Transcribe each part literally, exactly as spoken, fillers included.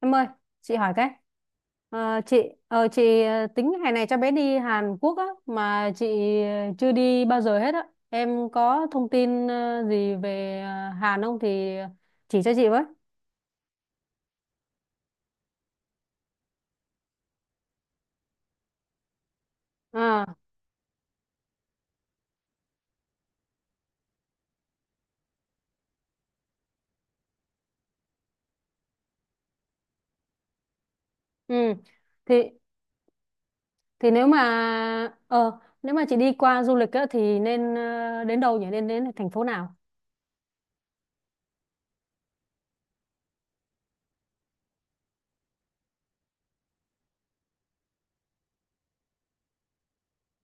Em ơi, chị hỏi cái. Ờ, chị ờ, chị ờ, tính hè này cho bé đi Hàn Quốc á, mà chị ờ, chưa đi bao giờ hết á. Em có thông tin ờ, gì về ờ, Hàn không thì chỉ cho chị với. À. Ừ. Thì thì nếu mà ờ nếu mà chị đi qua du lịch á thì nên ờ, đến đâu nhỉ? Nên đến thành phố nào?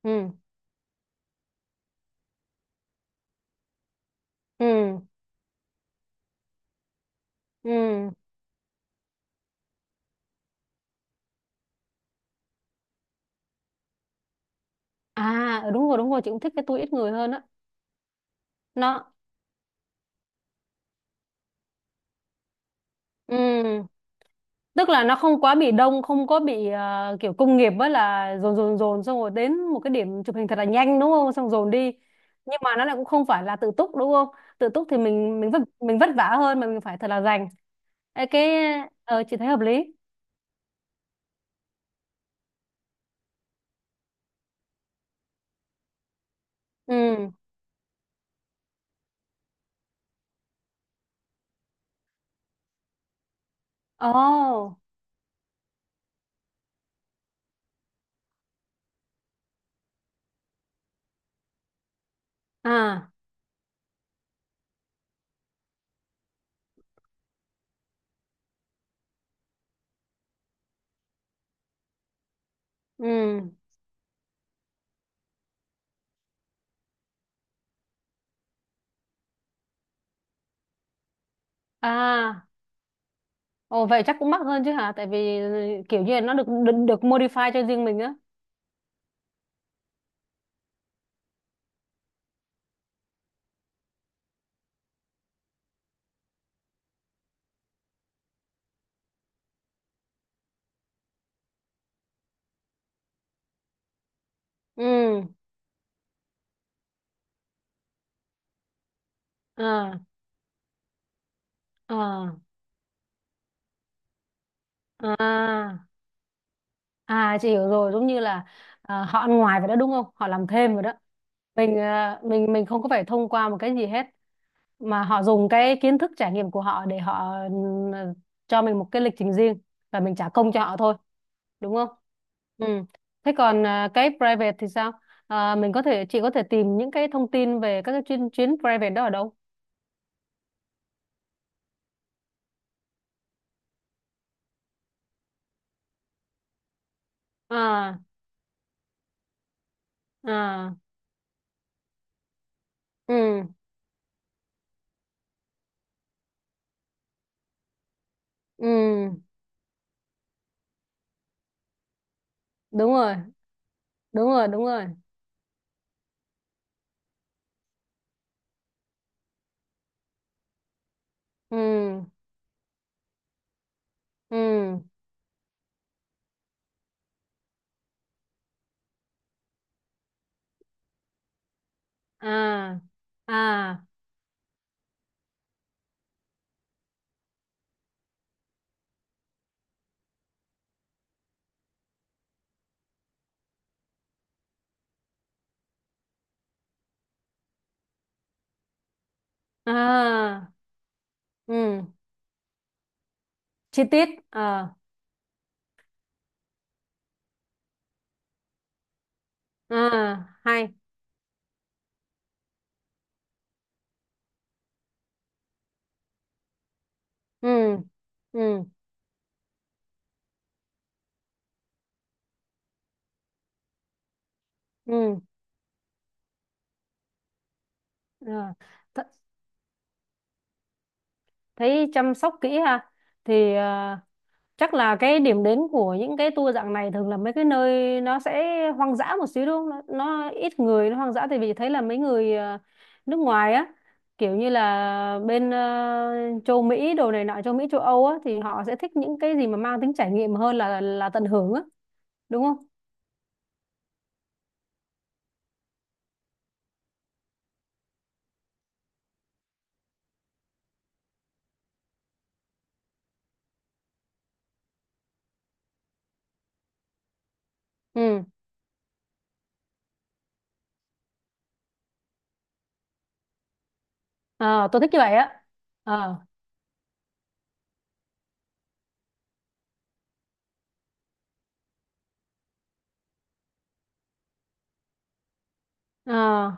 Ừ. Ừ. Ừ. À, đúng rồi, đúng rồi, chị cũng thích cái tour ít người hơn á. Nó. Ừ. Tức là nó không quá bị đông, không có bị ờ, kiểu công nghiệp, với là dồn dồn dồn xong rồi đến một cái điểm chụp hình thật là nhanh, đúng không, xong dồn đi. Nhưng mà nó lại cũng không phải là tự túc, đúng không? Tự túc thì mình mình vất mình vất vả hơn mà mình phải thật là dành. Ê, cái ờ, chị thấy hợp lý. Ừ. Ồ. À. Ừ. À. Ồ, vậy chắc cũng mắc hơn chứ hả, tại vì ừ, kiểu như là nó được được, được modify cho riêng mình á. Ừ. À. À. À. À, chị hiểu rồi, giống như là à, họ ăn ngoài vậy đó, đúng không? Họ làm thêm rồi đó. Mình à, mình mình không có phải thông qua một cái gì hết, mà họ dùng cái kiến thức trải nghiệm của họ để họ ừm, cho mình một cái lịch trình riêng, và mình trả công cho họ thôi, đúng không? Ừ. Thế còn à, cái private thì sao? À, mình có thể chị có thể tìm những cái thông tin về các cái chuyến chuyến private đó ở đâu? À. À. Ừ. Ừ. Đúng rồi, đúng rồi, đúng rồi. Ừ. Ừ. À. À. À. Ừ. Chi tiết. ờ À. Hay. Ừ. Ừ. Ừ. Ờ. Th thấy chăm sóc kỹ ha, thì ờ, chắc là cái điểm đến của những cái tour dạng này thường là mấy cái nơi nó sẽ hoang dã một xíu, đúng không? Nó, nó ít người, nó hoang dã, tại vì thấy là mấy người ờ, nước ngoài á, kiểu như là bên ờ, châu Mỹ đồ này nọ, châu Mỹ châu Âu á, thì họ sẽ thích những cái gì mà mang tính trải nghiệm hơn là là tận hưởng á, đúng không? Ừ. Ờ, tôi thích như vậy á. Ờ. Ờ.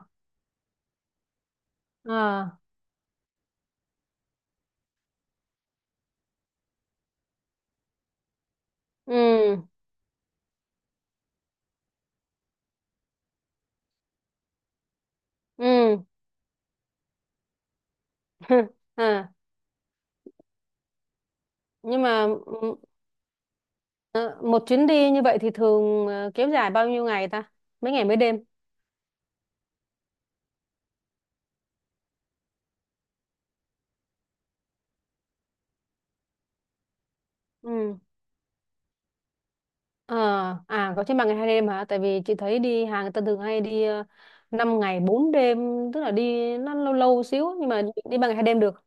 Ờ. Ừ. Ừ. À, nhưng mà ừ, ờ, một chuyến đi như vậy thì thường ờ, kéo dài bao nhiêu ngày ta, mấy ngày mấy đêm? Ừ. Ờ. À, có trên ba ngày hai đêm hả, tại vì chị thấy đi Hàn người ta thường hay đi uh, năm ngày bốn đêm, tức là đi nó lâu lâu xíu, nhưng mà đi ba ngày hai đêm được.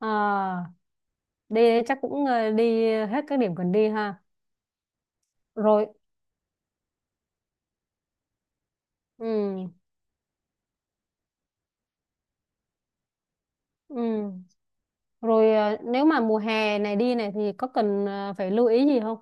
Ờ, đi chắc cũng ờ, đi hết các điểm cần đi ha. Rồi. Ừ. Ừ. Rồi ờ, nếu mà mùa hè này đi này thì có cần ờ, phải lưu ý gì không?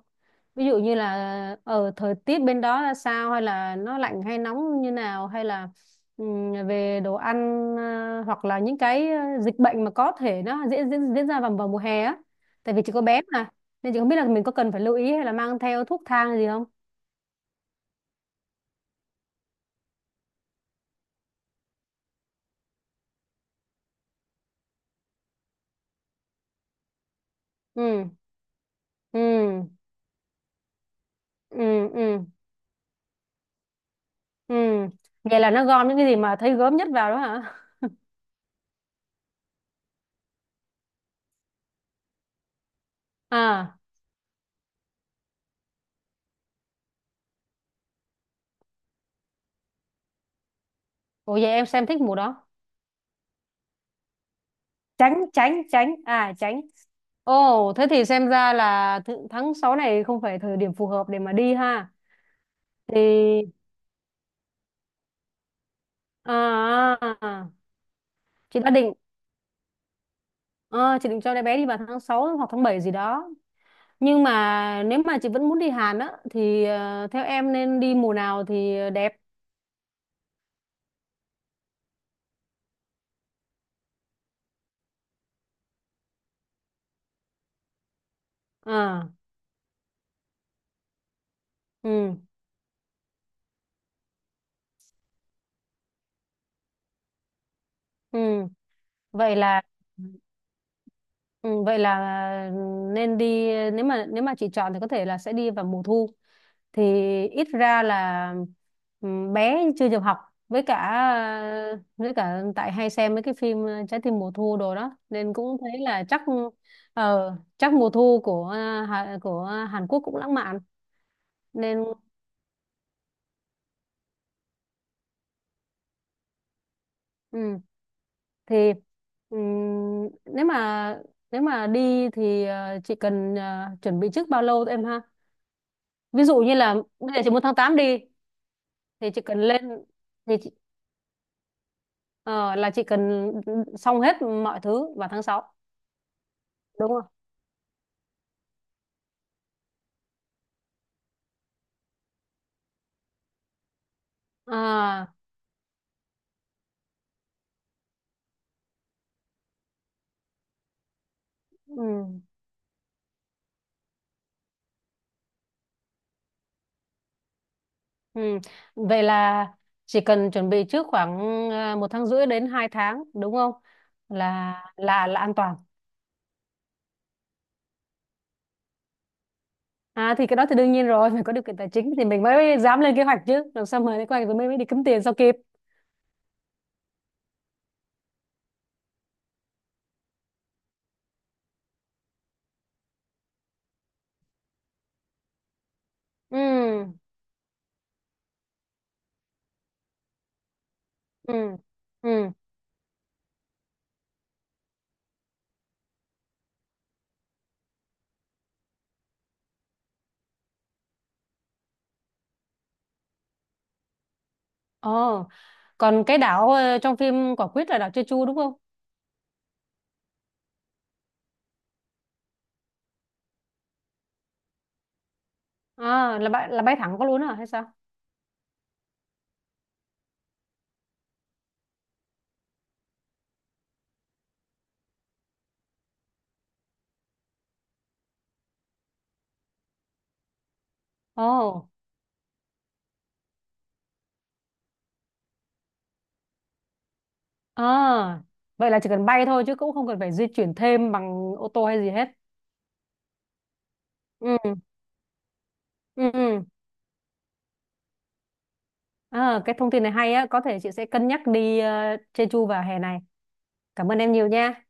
Ví dụ như là ở thời tiết bên đó là sao, hay là nó lạnh hay nóng như nào, hay là ừm, về đồ ăn, ờ, hoặc là những cái ờ, dịch bệnh mà có thể nó diễn diễn diễn ra vào vào mùa hè á. Tại vì chỉ có bé mà, nên chị không biết là mình có cần phải lưu ý hay là mang theo thuốc thang gì không? Ừ. Ừ. Ừ. Ừ. Ừ. Vậy là nó gom những cái gì mà thấy gớm nhất vào đó hả? À, ủa vậy em xem thích mùa đó. Tránh, tránh, tránh. À, tránh. Ồ, thế thì xem ra là th- tháng sáu này không phải thời điểm phù hợp để mà đi ha, thì à, à, à, chị đã định. À, chị định cho đứa bé đi vào tháng sáu hoặc tháng bảy gì đó, nhưng mà nếu mà chị vẫn muốn đi Hàn á thì ờ, theo em nên đi mùa nào thì đẹp? À. Ừ. Ừ. Vậy là. Ừ, vậy là ừ, nên đi, nếu mà nếu mà chị chọn thì có thể là sẽ đi vào mùa thu, thì ít ra là ừm, bé chưa được học, với cả với cả tại hay xem mấy cái phim ờ, Trái tim mùa thu đồ đó, nên cũng thấy là chắc ờ, chắc mùa thu của ờ, Hà- của Hàn Quốc cũng lãng mạn, nên ừ, thì ừm, nếu mà nếu mà đi thì ờ, chị cần ờ, chuẩn bị trước bao lâu em ha, ví dụ như là bây giờ chị muốn tháng tám đi, thì chị cần lên thì chị, ờ, là chị cần xong hết mọi thứ vào tháng sáu, đúng không? À. Ừ, ừ. Vậy là chỉ cần chuẩn bị trước khoảng à, một tháng rưỡi đến hai tháng, đúng không? Là là là an toàn. À, thì cái đó thì đương nhiên rồi, phải có điều kiện tài chính thì mình mới dám lên kế hoạch chứ, làm sao mà lên kế hoạch rồi mới mới đi kiếm tiền sao kịp. Ừ. Ừ. Ừ. Ồ. Còn cái đảo ờ, trong phim Quả Quýt là đảo Jeju, đúng không? À, là bay là bay thẳng có luôn à hay sao? Ồ. À, vậy là chỉ cần bay thôi chứ cũng không cần phải di chuyển thêm bằng ô tô hay gì hết. Ừ, ừ, ừ. À, cái thông tin này hay á, có thể chị sẽ cân nhắc đi uh, Jeju vào hè này. Cảm ơn em nhiều nha.